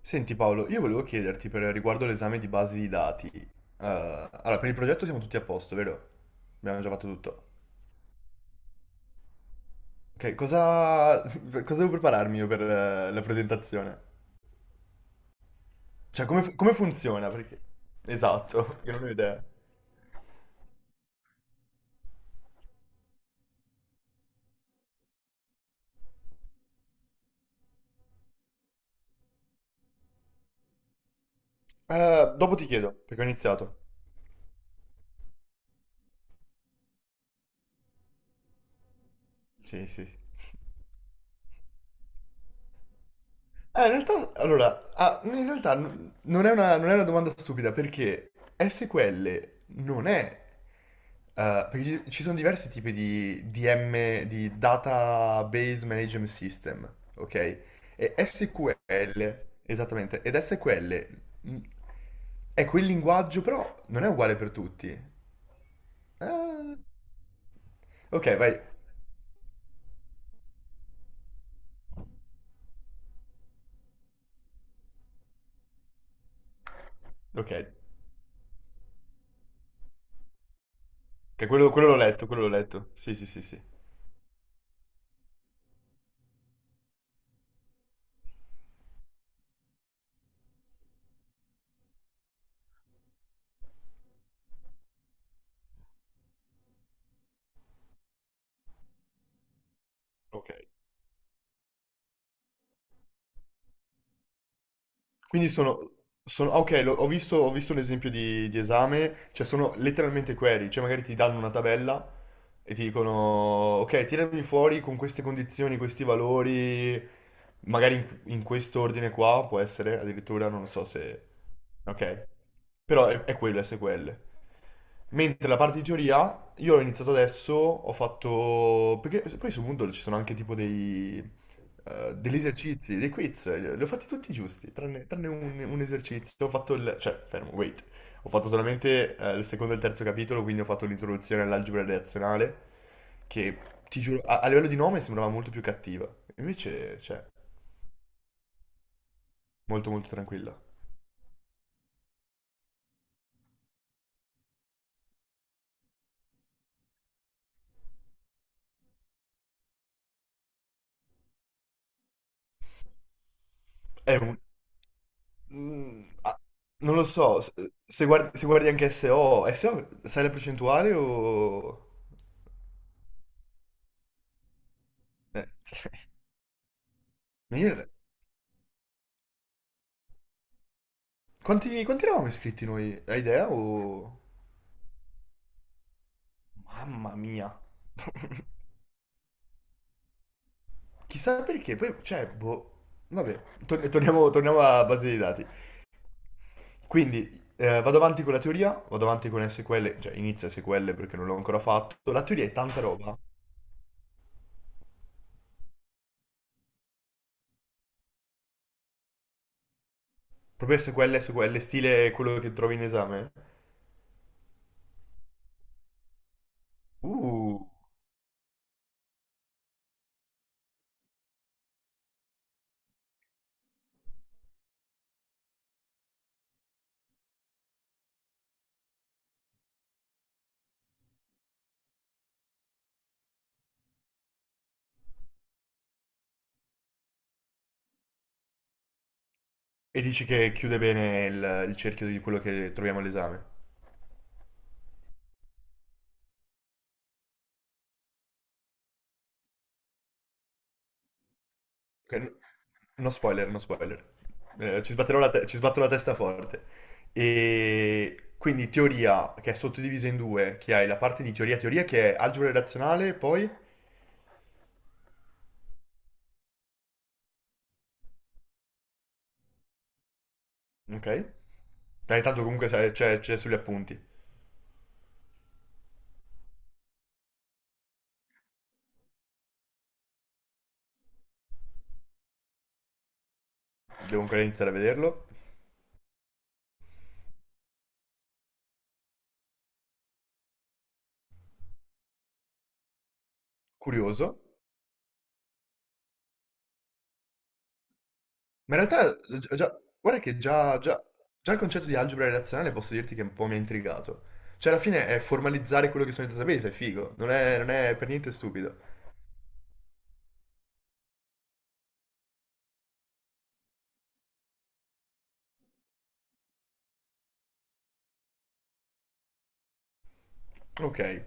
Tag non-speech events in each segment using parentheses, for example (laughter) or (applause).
Senti Paolo, io volevo chiederti per riguardo l'esame di base di dati. Allora, per il progetto siamo tutti a posto, vero? Abbiamo già fatto tutto. Ok, cosa, (laughs) cosa devo prepararmi io per la presentazione? Cioè, come, come funziona? Perché... Esatto, (laughs) perché non ho idea. Dopo ti chiedo, perché ho iniziato. Sì, sì, sì. In realtà, allora, in realtà non è una domanda stupida, perché SQL non è. Perché ci sono diversi tipi di DM, di Database Management System, ok? E SQL, esattamente, ed SQL mh, è quel linguaggio, però non è uguale per tutti. Eh, ok, vai, ok, ok, quello, quello l'ho letto, sì, sì, sì, sì, ok. Quindi ok, ho visto un esempio di esame, cioè sono letteralmente query, cioè magari ti danno una tabella e ti dicono, ok, tirami fuori con queste condizioni, questi valori, magari in questo ordine qua, può essere, addirittura, non so se... Ok, però è quello, SQL. Mentre la parte di teoria, io l'ho iniziato adesso, ho fatto... Perché poi su Moodle ci sono anche tipo dei, degli esercizi, dei quiz, li ho fatti tutti giusti, un esercizio. Ho fatto il... cioè, fermo, wait. Ho fatto solamente il secondo e il terzo capitolo, quindi ho fatto l'introduzione all'algebra relazionale, che ti giuro, a livello di nome sembrava molto più cattiva. Invece, cioè, molto molto tranquilla. È un... mm, ah, non lo so, se guardi anche SO, sai la percentuale o... (laughs) cioè, ma io- quanti eravamo iscritti noi? Hai idea o... Mamma mia. (laughs) Chissà perché, poi, cioè, boh, vabbè, torniamo alla base dei dati. Quindi, vado avanti con la teoria, vado avanti con SQL, cioè inizio SQL perché non l'ho ancora fatto. La teoria è tanta roba, proprio SQL, stile quello che trovi in esame. Uh, e dici che chiude bene il cerchio di quello che troviamo all'esame. Ok, no spoiler, no spoiler. Ci sbatto la testa forte. E quindi teoria, che è sottodivisa in due, che hai la parte di teoria teoria, che è algebra relazionale, poi... Ok? Dai, tanto comunque c'è sugli appunti. Devo ancora iniziare a vederlo. Curioso. Ma in realtà, guarda che già il concetto di algebra relazionale posso dirti che un po' mi ha intrigato. Cioè, alla fine è formalizzare quello che sono i database, è figo. Non è per niente stupido. Ok,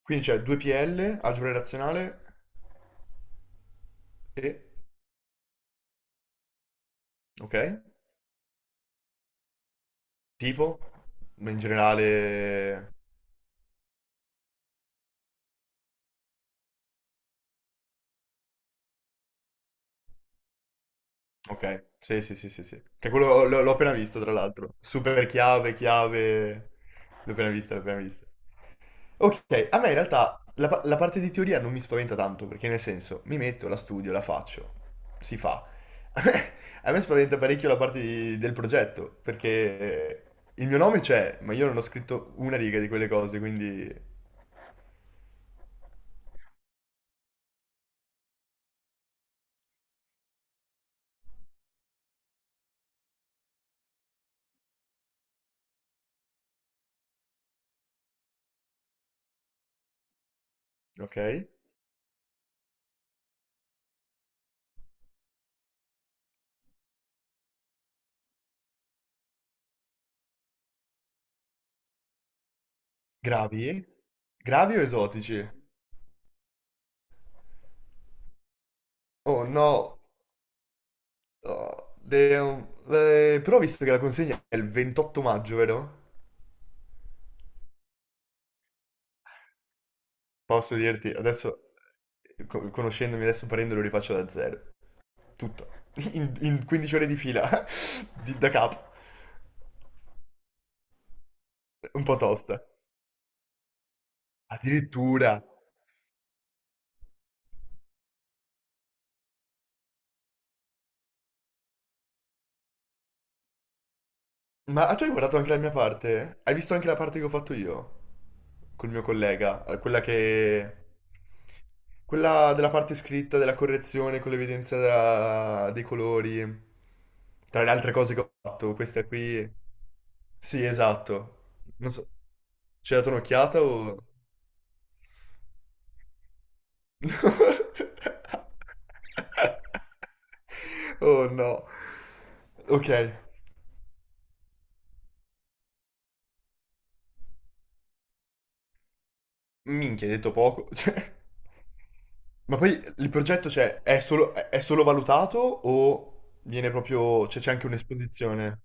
quindi c'è 2PL, algebra razionale e... Ok? Tipo? Ma in generale... Ok, sì, sì, sì, sì, sì. Che quello l'ho appena visto, tra l'altro. Super chiave, chiave... L'ho appena vista, l'ho appena vista. Ok, a me in realtà la parte di teoria non mi spaventa tanto, perché nel senso, mi metto, la studio, la faccio, si fa. (laughs) A me, a me spaventa parecchio la parte del progetto, perché il mio nome c'è, ma io non ho scritto una riga di quelle cose, quindi... Ok? Gravi? Gravi o esotici? Oh no, Oh, de- um, però ho visto che la consegna è il 28 maggio, vero? Posso dirti, adesso, conoscendomi adesso parendolo rifaccio da zero, tutto, (laughs) in 15 ore di fila, (laughs) da capo, un po' tosta. Addirittura, tu hai guardato anche la mia parte? Hai visto anche la parte che ho fatto io? Col mio collega? Quella che... Quella della parte scritta, della correzione con l'evidenza dei colori. Tra le altre cose che ho fatto, questa qui... Sì, esatto. Non so... Ci hai dato un'occhiata o... (laughs) Oh no. Ok. Minchia, hai detto poco. (laughs) Cioè, ma poi il progetto, cioè, è solo valutato o viene proprio, cioè, c'è anche un'esposizione?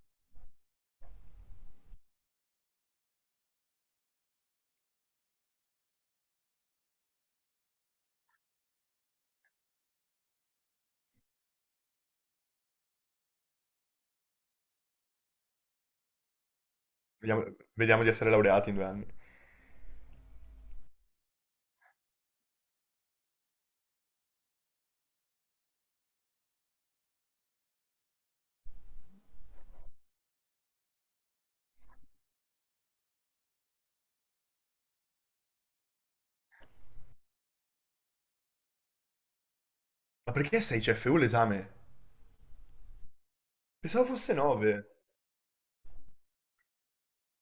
Vediamo, vediamo di essere laureati in 2 anni. Ma perché 6 CFU l'esame? Pensavo fosse 9.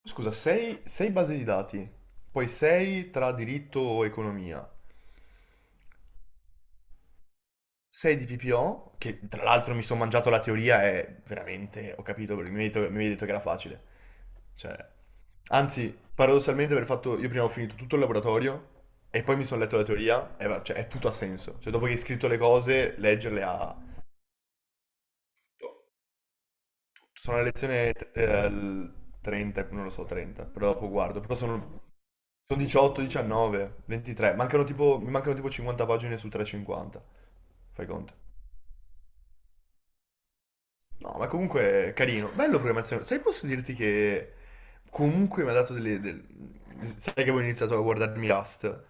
Scusa, 6, base di dati, poi 6 tra diritto o economia. 6 di PPO, che tra l'altro mi sono mangiato la teoria e veramente ho capito, perché mi avevi detto che era facile. Cioè, anzi, paradossalmente aver fatto, io prima ho finito tutto il laboratorio e poi mi sono letto la teoria e cioè, è tutto ha senso. Cioè, dopo che hai scritto le cose, leggerle ha... Sono a lezione 30, non lo so, 30, però dopo guardo. Però sono 18, 19, 23, mi mancano tipo 50 pagine su 350, fai conto. No, ma comunque carino, bello programmazione. Sai, posso dirti che comunque mi ha dato delle... Sai che avevo iniziato a guardarmi Rust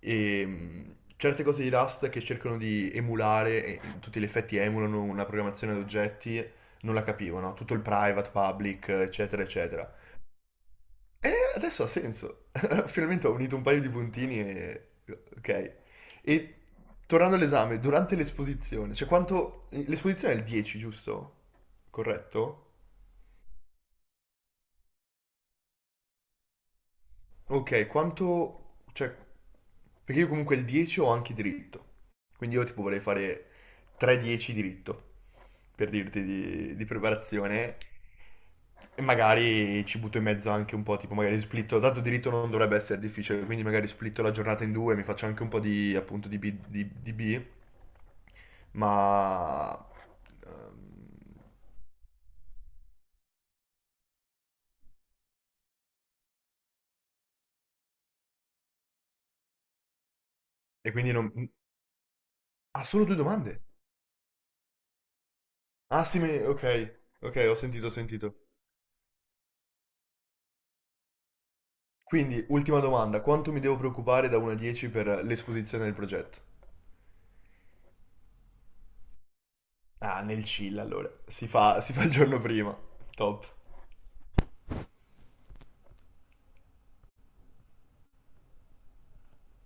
e certe cose di Rust che cercano di emulare, e in tutti gli effetti emulano una programmazione ad oggetti, non la capivo, no? Tutto il private, public, eccetera, eccetera. E adesso ha senso. (laughs) Finalmente ho unito un paio di puntini e... Ok. E tornando all'esame, durante l'esposizione, cioè quanto... L'esposizione è il 10, giusto? Corretto? Ok, quanto... cioè, perché io comunque il 10 ho anche diritto. Quindi io tipo vorrei fare 3-10 diritto, per dirti di preparazione. E magari ci butto in mezzo anche un po', tipo magari splitto, dato diritto non dovrebbe essere difficile, quindi magari splitto la giornata in due, mi faccio anche un po' di appunto di B, di B, ma... ehm, E quindi non... Ah, solo due domande? Ah sì, ok, ok, ho sentito, ho sentito. Quindi, ultima domanda, quanto mi devo preoccupare da 1 a 10 per l'esposizione del progetto? Ah, nel chill allora, si fa il giorno prima, top.